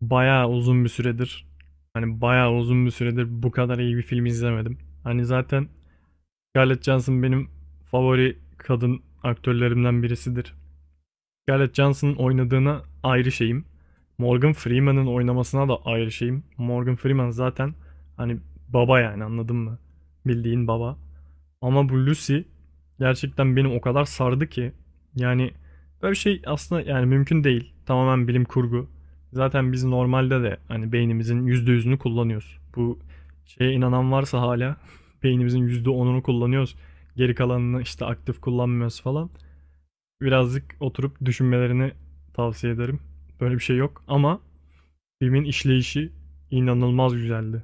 Bayağı uzun bir süredir bayağı uzun bir süredir bu kadar iyi bir film izlemedim. Hani zaten Scarlett Johansson benim favori kadın aktörlerimden birisidir. Scarlett Johansson'ın oynadığına ayrı şeyim. Morgan Freeman'ın oynamasına da ayrı şeyim. Morgan Freeman zaten hani baba, yani anladın mı? Bildiğin baba. Ama bu Lucy gerçekten beni o kadar sardı ki, yani böyle bir şey aslında yani mümkün değil. Tamamen bilim kurgu. Zaten biz normalde de hani beynimizin %100'ünü kullanıyoruz. Bu şeye inanan varsa hala beynimizin %10'unu kullanıyoruz, geri kalanını işte aktif kullanmıyoruz falan. Birazcık oturup düşünmelerini tavsiye ederim. Böyle bir şey yok ama filmin işleyişi inanılmaz güzeldi.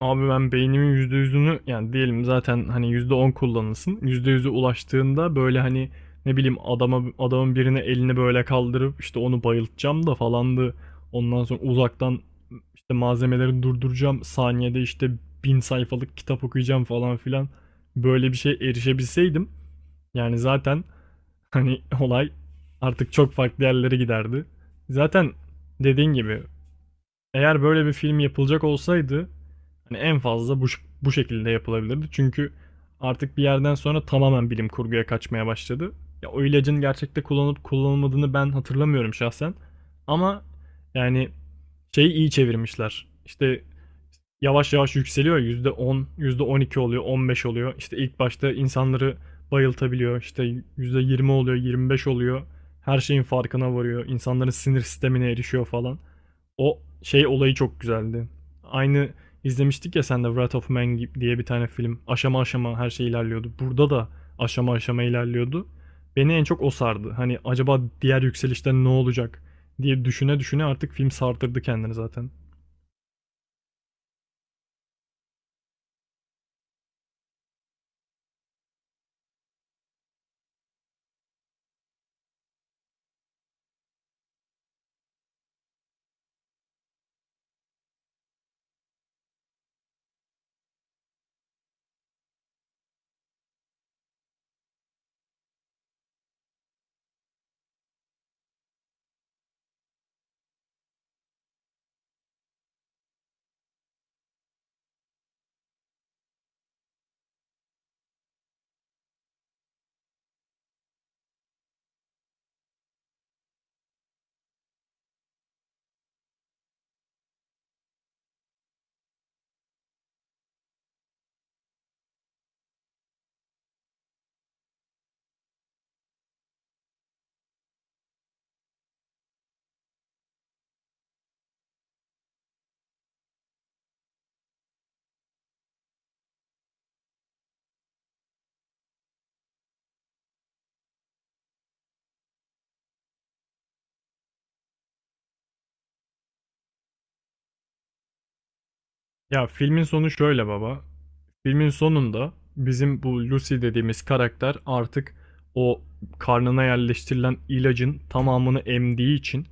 Abi ben beynimin %100'ünü, yani diyelim zaten hani %10 kullanılsın. %100'e ulaştığında böyle hani ne bileyim adamın birine elini böyle kaldırıp işte onu bayıltacağım da falandı. Ondan sonra uzaktan işte malzemeleri durduracağım. Saniyede işte bin sayfalık kitap okuyacağım falan filan. Böyle bir şey erişebilseydim yani zaten hani olay artık çok farklı yerlere giderdi. Zaten dediğin gibi eğer böyle bir film yapılacak olsaydı hani en fazla bu şekilde yapılabilirdi. Çünkü artık bir yerden sonra tamamen bilim kurguya kaçmaya başladı. Ya o ilacın gerçekte kullanıp kullanılmadığını ben hatırlamıyorum şahsen. Ama yani şeyi iyi çevirmişler. İşte yavaş yavaş yükseliyor. Yüzde on, yüzde on iki oluyor, %15 oluyor. İşte ilk başta insanları bayıltabiliyor. İşte %20 oluyor, %25 oluyor. Her şeyin farkına varıyor. İnsanların sinir sistemine erişiyor falan. O şey olayı çok güzeldi. Aynı izlemiştik ya sen de, Wrath of Man diye bir tane film. Aşama aşama her şey ilerliyordu. Burada da aşama aşama ilerliyordu. Beni en çok o sardı. Hani acaba diğer yükselişte ne olacak diye düşüne düşüne artık film sartırdı kendini zaten. Ya filmin sonu şöyle baba. Filmin sonunda bizim bu Lucy dediğimiz karakter artık o karnına yerleştirilen ilacın tamamını emdiği için,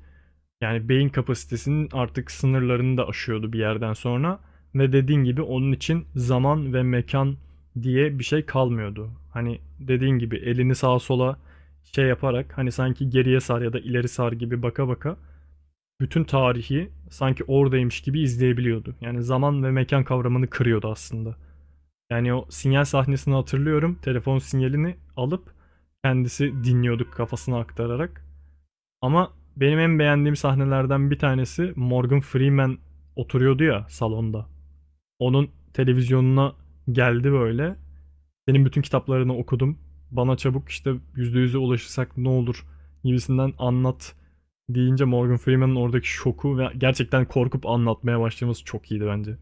yani beyin kapasitesinin artık sınırlarını da aşıyordu bir yerden sonra ve dediğin gibi onun için zaman ve mekan diye bir şey kalmıyordu. Hani dediğin gibi elini sağa sola şey yaparak, hani sanki geriye sar ya da ileri sar gibi baka baka bütün tarihi sanki oradaymış gibi izleyebiliyordu. Yani zaman ve mekan kavramını kırıyordu aslında. Yani o sinyal sahnesini hatırlıyorum. Telefon sinyalini alıp kendisi dinliyorduk kafasına aktararak. Ama benim en beğendiğim sahnelerden bir tanesi, Morgan Freeman oturuyordu ya salonda. Onun televizyonuna geldi böyle. Senin bütün kitaplarını okudum. Bana çabuk işte %100'e ulaşırsak ne olur gibisinden anlat deyince Morgan Freeman'ın oradaki şoku ve gerçekten korkup anlatmaya başlaması çok iyiydi bence.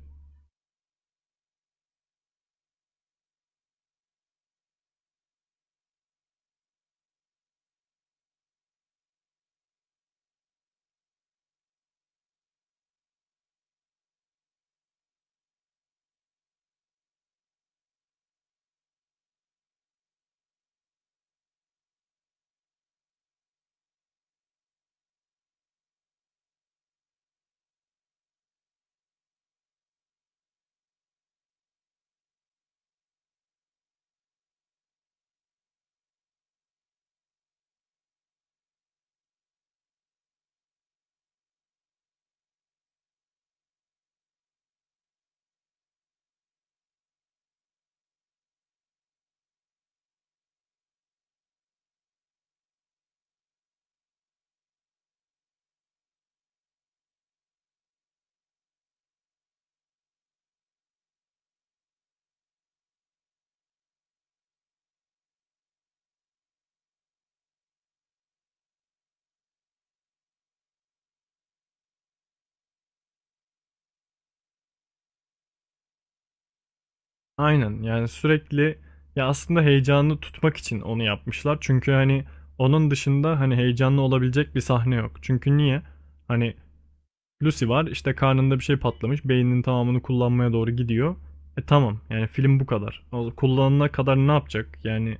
Aynen, yani sürekli ya aslında heyecanı tutmak için onu yapmışlar. Çünkü hani onun dışında hani heyecanlı olabilecek bir sahne yok. Çünkü niye? Hani Lucy var. İşte karnında bir şey patlamış. Beyninin tamamını kullanmaya doğru gidiyor. E tamam. Yani film bu kadar. Kullanana kadar ne yapacak? Yani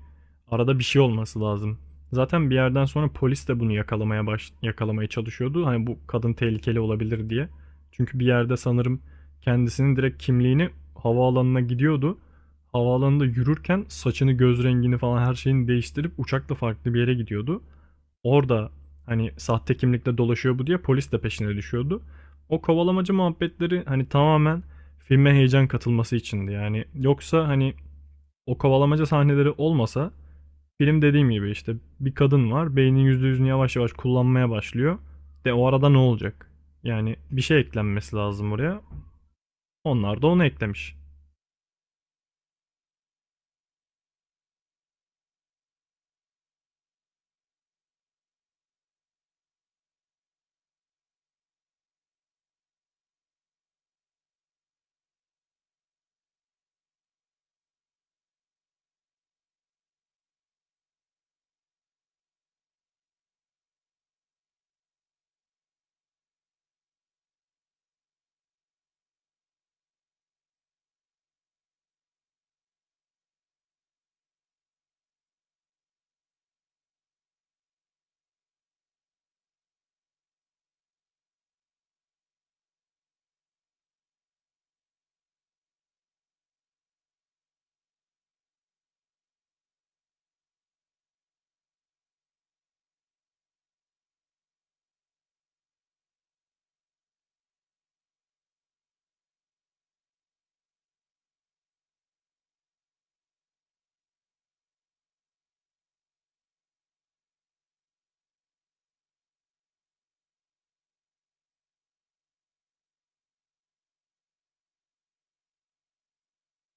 arada bir şey olması lazım. Zaten bir yerden sonra polis de bunu yakalamaya çalışıyordu. Hani bu kadın tehlikeli olabilir diye. Çünkü bir yerde sanırım kendisinin direkt kimliğini, havaalanına gidiyordu. Havaalanında yürürken saçını, göz rengini falan her şeyini değiştirip uçakla farklı bir yere gidiyordu. Orada hani sahte kimlikle dolaşıyor bu diye polis de peşine düşüyordu. O kovalamaca muhabbetleri hani tamamen filme heyecan katılması içindi. Yani yoksa hani o kovalamaca sahneleri olmasa, film dediğim gibi işte bir kadın var, beynin %100'ünü yavaş yavaş kullanmaya başlıyor. De o arada ne olacak? Yani bir şey eklenmesi lazım oraya. Onlar da onu eklemiş.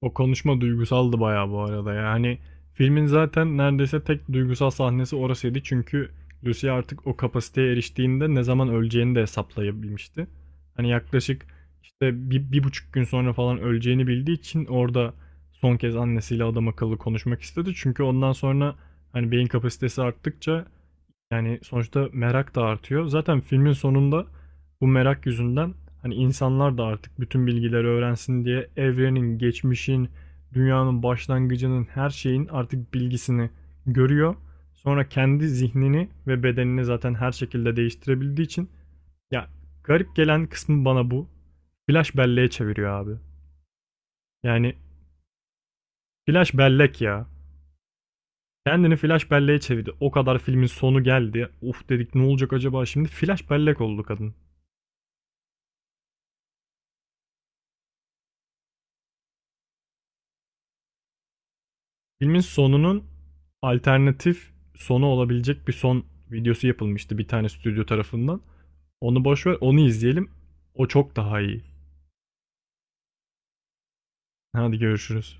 O konuşma duygusaldı bayağı bu arada. Yani filmin zaten neredeyse tek duygusal sahnesi orasıydı. Çünkü Lucy artık o kapasiteye eriştiğinde ne zaman öleceğini de hesaplayabilmişti. Hani yaklaşık işte bir, bir buçuk gün sonra falan öleceğini bildiği için orada son kez annesiyle adam akıllı konuşmak istedi. Çünkü ondan sonra hani beyin kapasitesi arttıkça, yani sonuçta merak da artıyor. Zaten filmin sonunda bu merak yüzünden hani insanlar da artık bütün bilgileri öğrensin diye evrenin, geçmişin, dünyanın başlangıcının, her şeyin artık bilgisini görüyor. Sonra kendi zihnini ve bedenini zaten her şekilde değiştirebildiği için, ya garip gelen kısmı bana bu. Flash belleğe çeviriyor abi. Yani flash bellek ya. Kendini flash belleğe çevirdi. O kadar filmin sonu geldi. Uf dedik, ne olacak acaba şimdi? Flash bellek oldu kadın. Filmin sonunun alternatif sonu olabilecek bir son videosu yapılmıştı bir tane stüdyo tarafından. Onu boş ver, onu izleyelim. O çok daha iyi. Hadi görüşürüz.